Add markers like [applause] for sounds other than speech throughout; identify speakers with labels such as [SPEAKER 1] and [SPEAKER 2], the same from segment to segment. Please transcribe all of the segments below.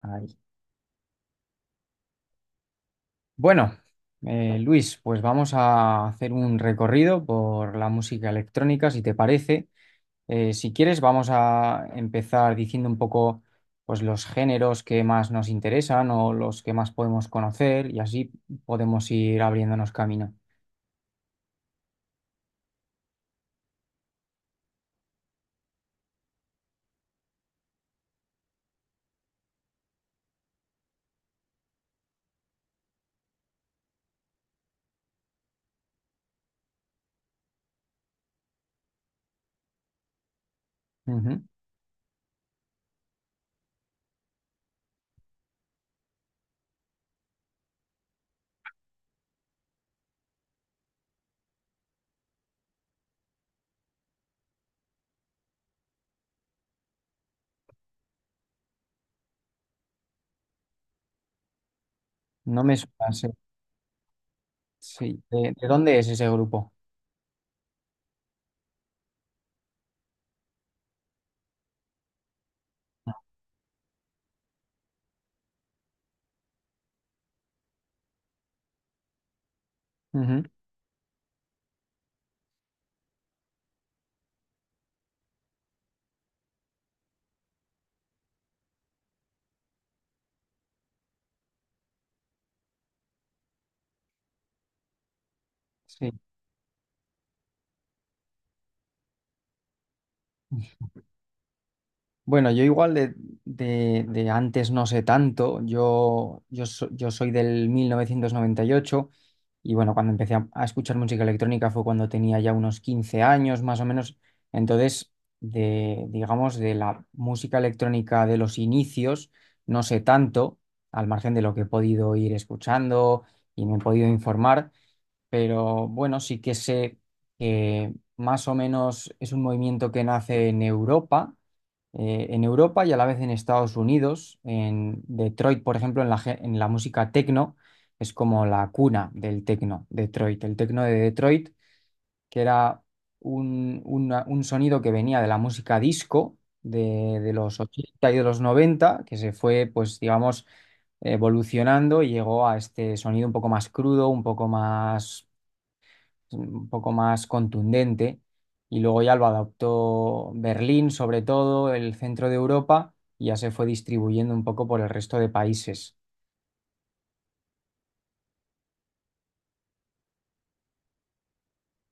[SPEAKER 1] Ahí. Bueno, Luis, pues vamos a hacer un recorrido por la música electrónica, si te parece. Si quieres, vamos a empezar diciendo un poco, pues, los géneros que más nos interesan o los que más podemos conocer y así podemos ir abriéndonos camino. Ujú. No me suena, sé- Sí. ¿De dónde es ese grupo? Ujú. Sí. [laughs] Bueno, yo igual de antes no sé tanto. Yo soy del 1998 y bueno, cuando empecé a escuchar música electrónica fue cuando tenía ya unos 15 años más o menos. Entonces, de, digamos, de la música electrónica de los inicios, no sé tanto, al margen de lo que he podido ir escuchando y me he podido informar, pero bueno, sí que sé que más o menos es un movimiento que nace en Europa y a la vez en Estados Unidos, en Detroit, por ejemplo, en en la música techno. Es como la cuna del techno, Detroit, el techno de Detroit, que era un sonido que venía de la música disco de los 80 y de los noventa, que se fue, pues, digamos, evolucionando, y llegó a este sonido un poco más crudo, un poco un poco más contundente, y luego ya lo adaptó Berlín, sobre todo, el centro de Europa, y ya se fue distribuyendo un poco por el resto de países.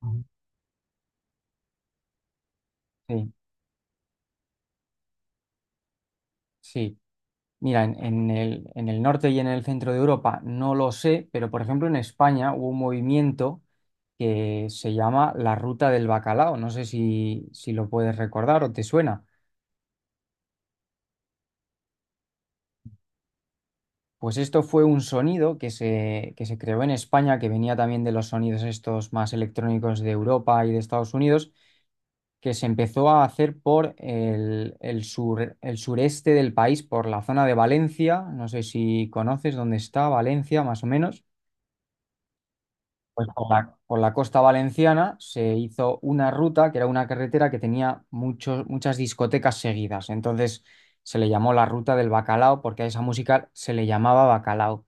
[SPEAKER 1] Ujú. Sí, sí. Mira, en el norte y en el centro de Europa no lo sé, pero por ejemplo en España hubo un movimiento que se llama la Ruta del Bacalao. No sé si, si lo puedes recordar o te suena. Pues esto fue un sonido que se creó en España, que venía también de los sonidos estos más electrónicos de Europa y de Estados Unidos, que se empezó a hacer por el sur, el sureste del país, por la zona de Valencia, no sé si conoces dónde está Valencia, más o menos. Pues por la costa valenciana se hizo una ruta, que era una carretera que tenía muchas discotecas seguidas. Entonces se le llamó la Ruta del Bacalao, porque a esa música se le llamaba bacalao.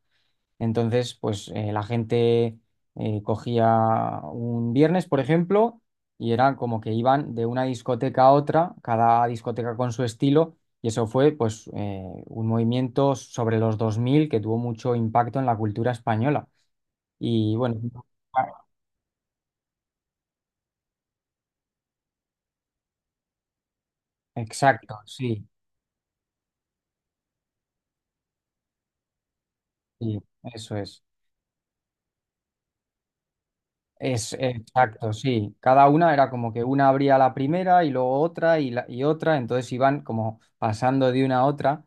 [SPEAKER 1] Entonces, pues la gente cogía un viernes, por ejemplo, y eran como que iban de una discoteca a otra, cada discoteca con su estilo, y eso fue pues un movimiento sobre los 2000 que tuvo mucho impacto en la cultura española. Y bueno, exacto, sí, sí, eso es. Es, exacto, sí. Cada una era como que una abría la primera y luego otra y otra, entonces iban como pasando de una a otra,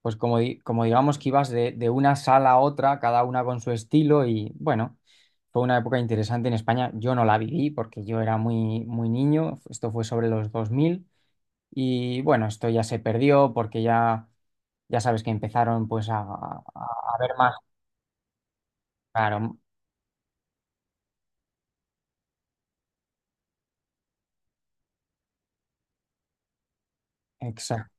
[SPEAKER 1] pues como, como digamos que ibas de una sala a otra, cada una con su estilo y bueno, fue una época interesante en España. Yo no la viví porque yo era muy, muy niño. Esto fue sobre los 2000 y bueno, esto ya se perdió porque ya, ya sabes que empezaron pues a ver más, claro, exacto.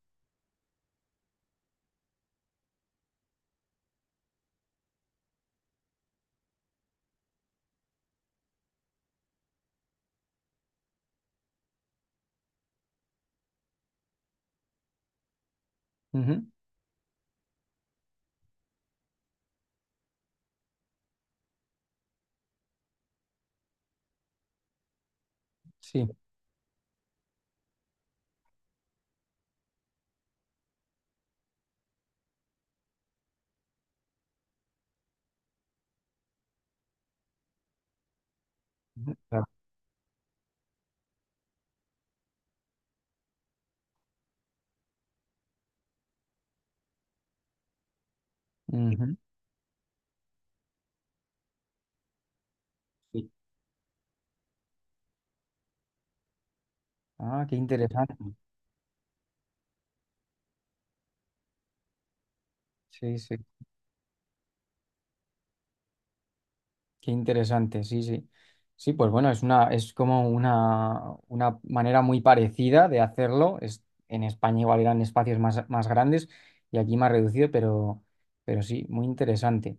[SPEAKER 1] Ujú. Sí. Ujú, claro. Ujú. Ah, qué interesante. Sí, sí, qué interesante, sí, sí. Sí, pues bueno, es una, es como una manera muy parecida de hacerlo. Es, en España igual eran espacios más, más grandes y aquí más reducido, pero sí, muy interesante.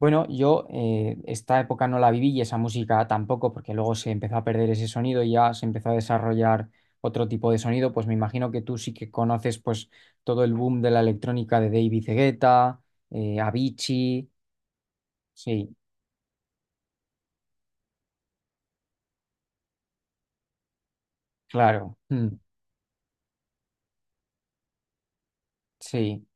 [SPEAKER 1] Bueno, yo esta época no la viví y esa música tampoco, porque luego se empezó a perder ese sonido y ya se empezó a desarrollar otro tipo de sonido. Pues me imagino que tú sí que conoces pues todo el boom de la electrónica de David Guetta, Avicii. Sí, claro. Mm, sí,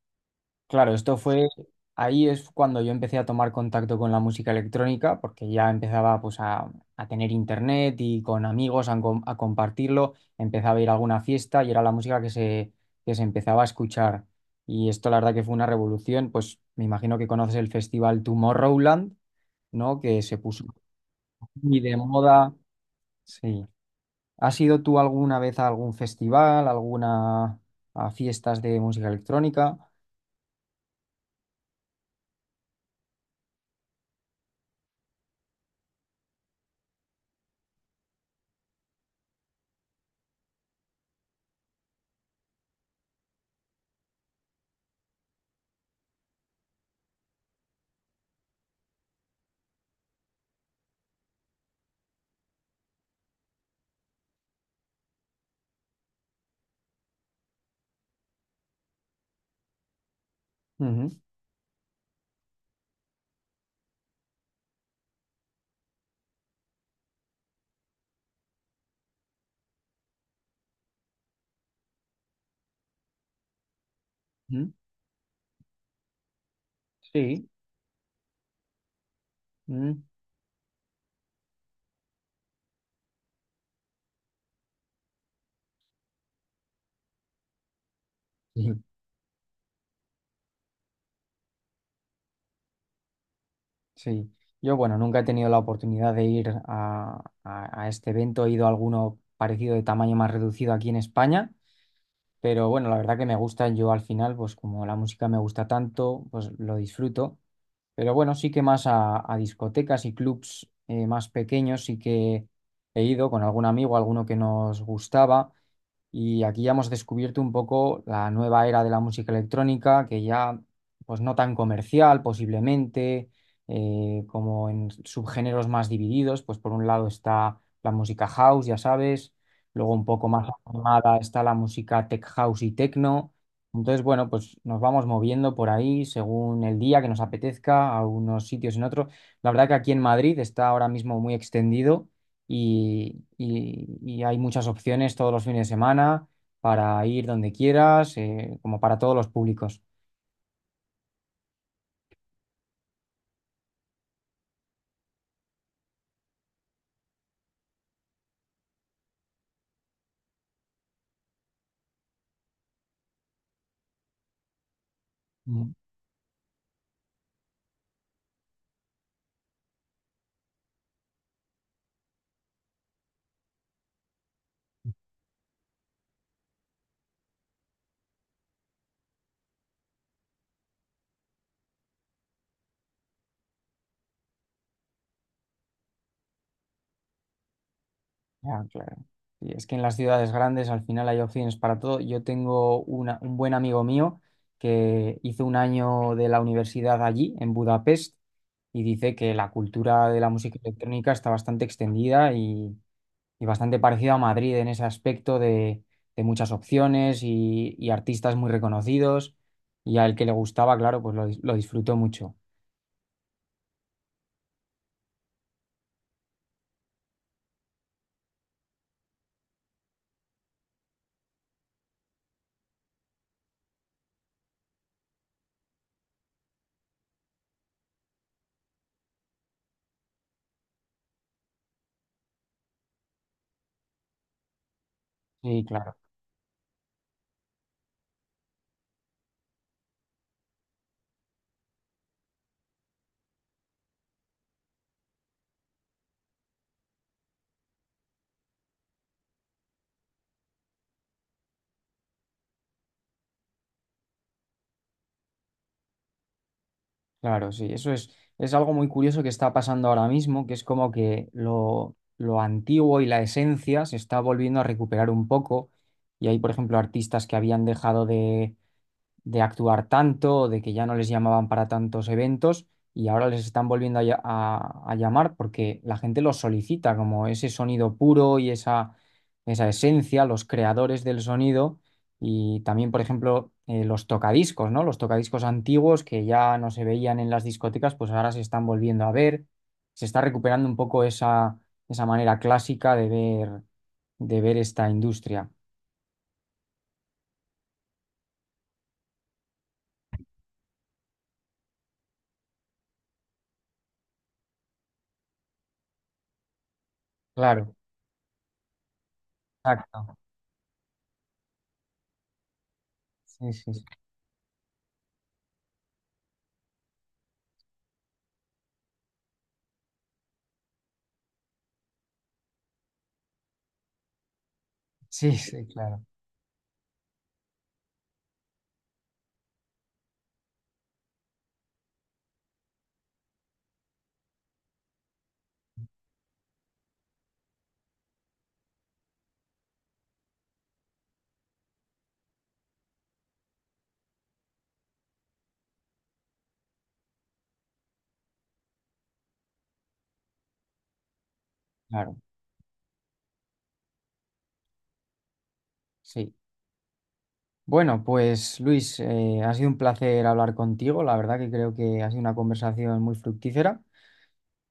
[SPEAKER 1] claro, esto fue, ahí es cuando yo empecé a tomar contacto con la música electrónica, porque ya empezaba pues a tener internet y con amigos a compartirlo, empezaba a ir a alguna fiesta y era la música que se empezaba a escuchar. Y esto la verdad que fue una revolución, pues me imagino que conoces el festival Tomorrowland, ¿no? Que se puso muy de moda. Sí. ¿Has ido tú alguna vez a algún festival, alguna a fiestas de música electrónica? Ujú, ujú. Sí, mm. Ujú. Sí. Yo, bueno, nunca he tenido la oportunidad de ir a, a este evento. He ido a alguno parecido de tamaño más reducido aquí en España, pero bueno, la verdad que me gusta. Yo al final, pues como la música me gusta tanto, pues lo disfruto. Pero bueno, sí que más a discotecas y clubs más pequeños sí que he ido con algún amigo, alguno que nos gustaba. Y aquí ya hemos descubierto un poco la nueva era de la música electrónica, que ya, pues no tan comercial posiblemente, como en subgéneros más divididos. Pues por un lado está la música house, ya sabes, luego un poco más animada está la música tech house y techno. Entonces, bueno, pues nos vamos moviendo por ahí según el día que nos apetezca, a unos sitios en otros. La verdad que aquí en Madrid está ahora mismo muy extendido y, y hay muchas opciones todos los fines de semana para ir donde quieras, como para todos los públicos. Mm. Ya, claro. Y es que en las ciudades grandes al final hay opciones para todo. Yo tengo un buen amigo mío que hizo un año de la universidad allí, en Budapest, y dice que la cultura de la música electrónica está bastante extendida y bastante parecido a Madrid en ese aspecto de muchas opciones y artistas muy reconocidos. Y al que le gustaba, claro, pues lo, lo disfrutó mucho. Sí, claro, claro, sí. Eso es algo muy curioso que está pasando ahora mismo, que es como que lo antiguo y la esencia se está volviendo a recuperar un poco. Y hay, por ejemplo, artistas que habían dejado de actuar tanto, de que ya no les llamaban para tantos eventos, y ahora les están volviendo a, a llamar porque la gente los solicita, como ese sonido puro y esa esencia, los creadores del sonido. Y también, por ejemplo, los tocadiscos, ¿no? Los tocadiscos antiguos que ya no se veían en las discotecas, pues ahora se están volviendo a ver, se está recuperando un poco esa, esa manera clásica de ver esta industria. Claro, exacto. Sí, sí, sí, sí, claro. Claro, sí. Bueno, pues Luis, ha sido un placer hablar contigo. La verdad que creo que ha sido una conversación muy fructífera,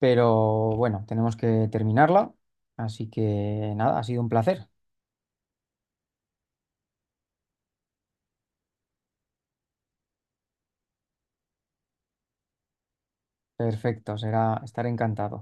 [SPEAKER 1] pero bueno, tenemos que terminarla. Así que nada, ha sido un placer. Perfecto, será estar encantado.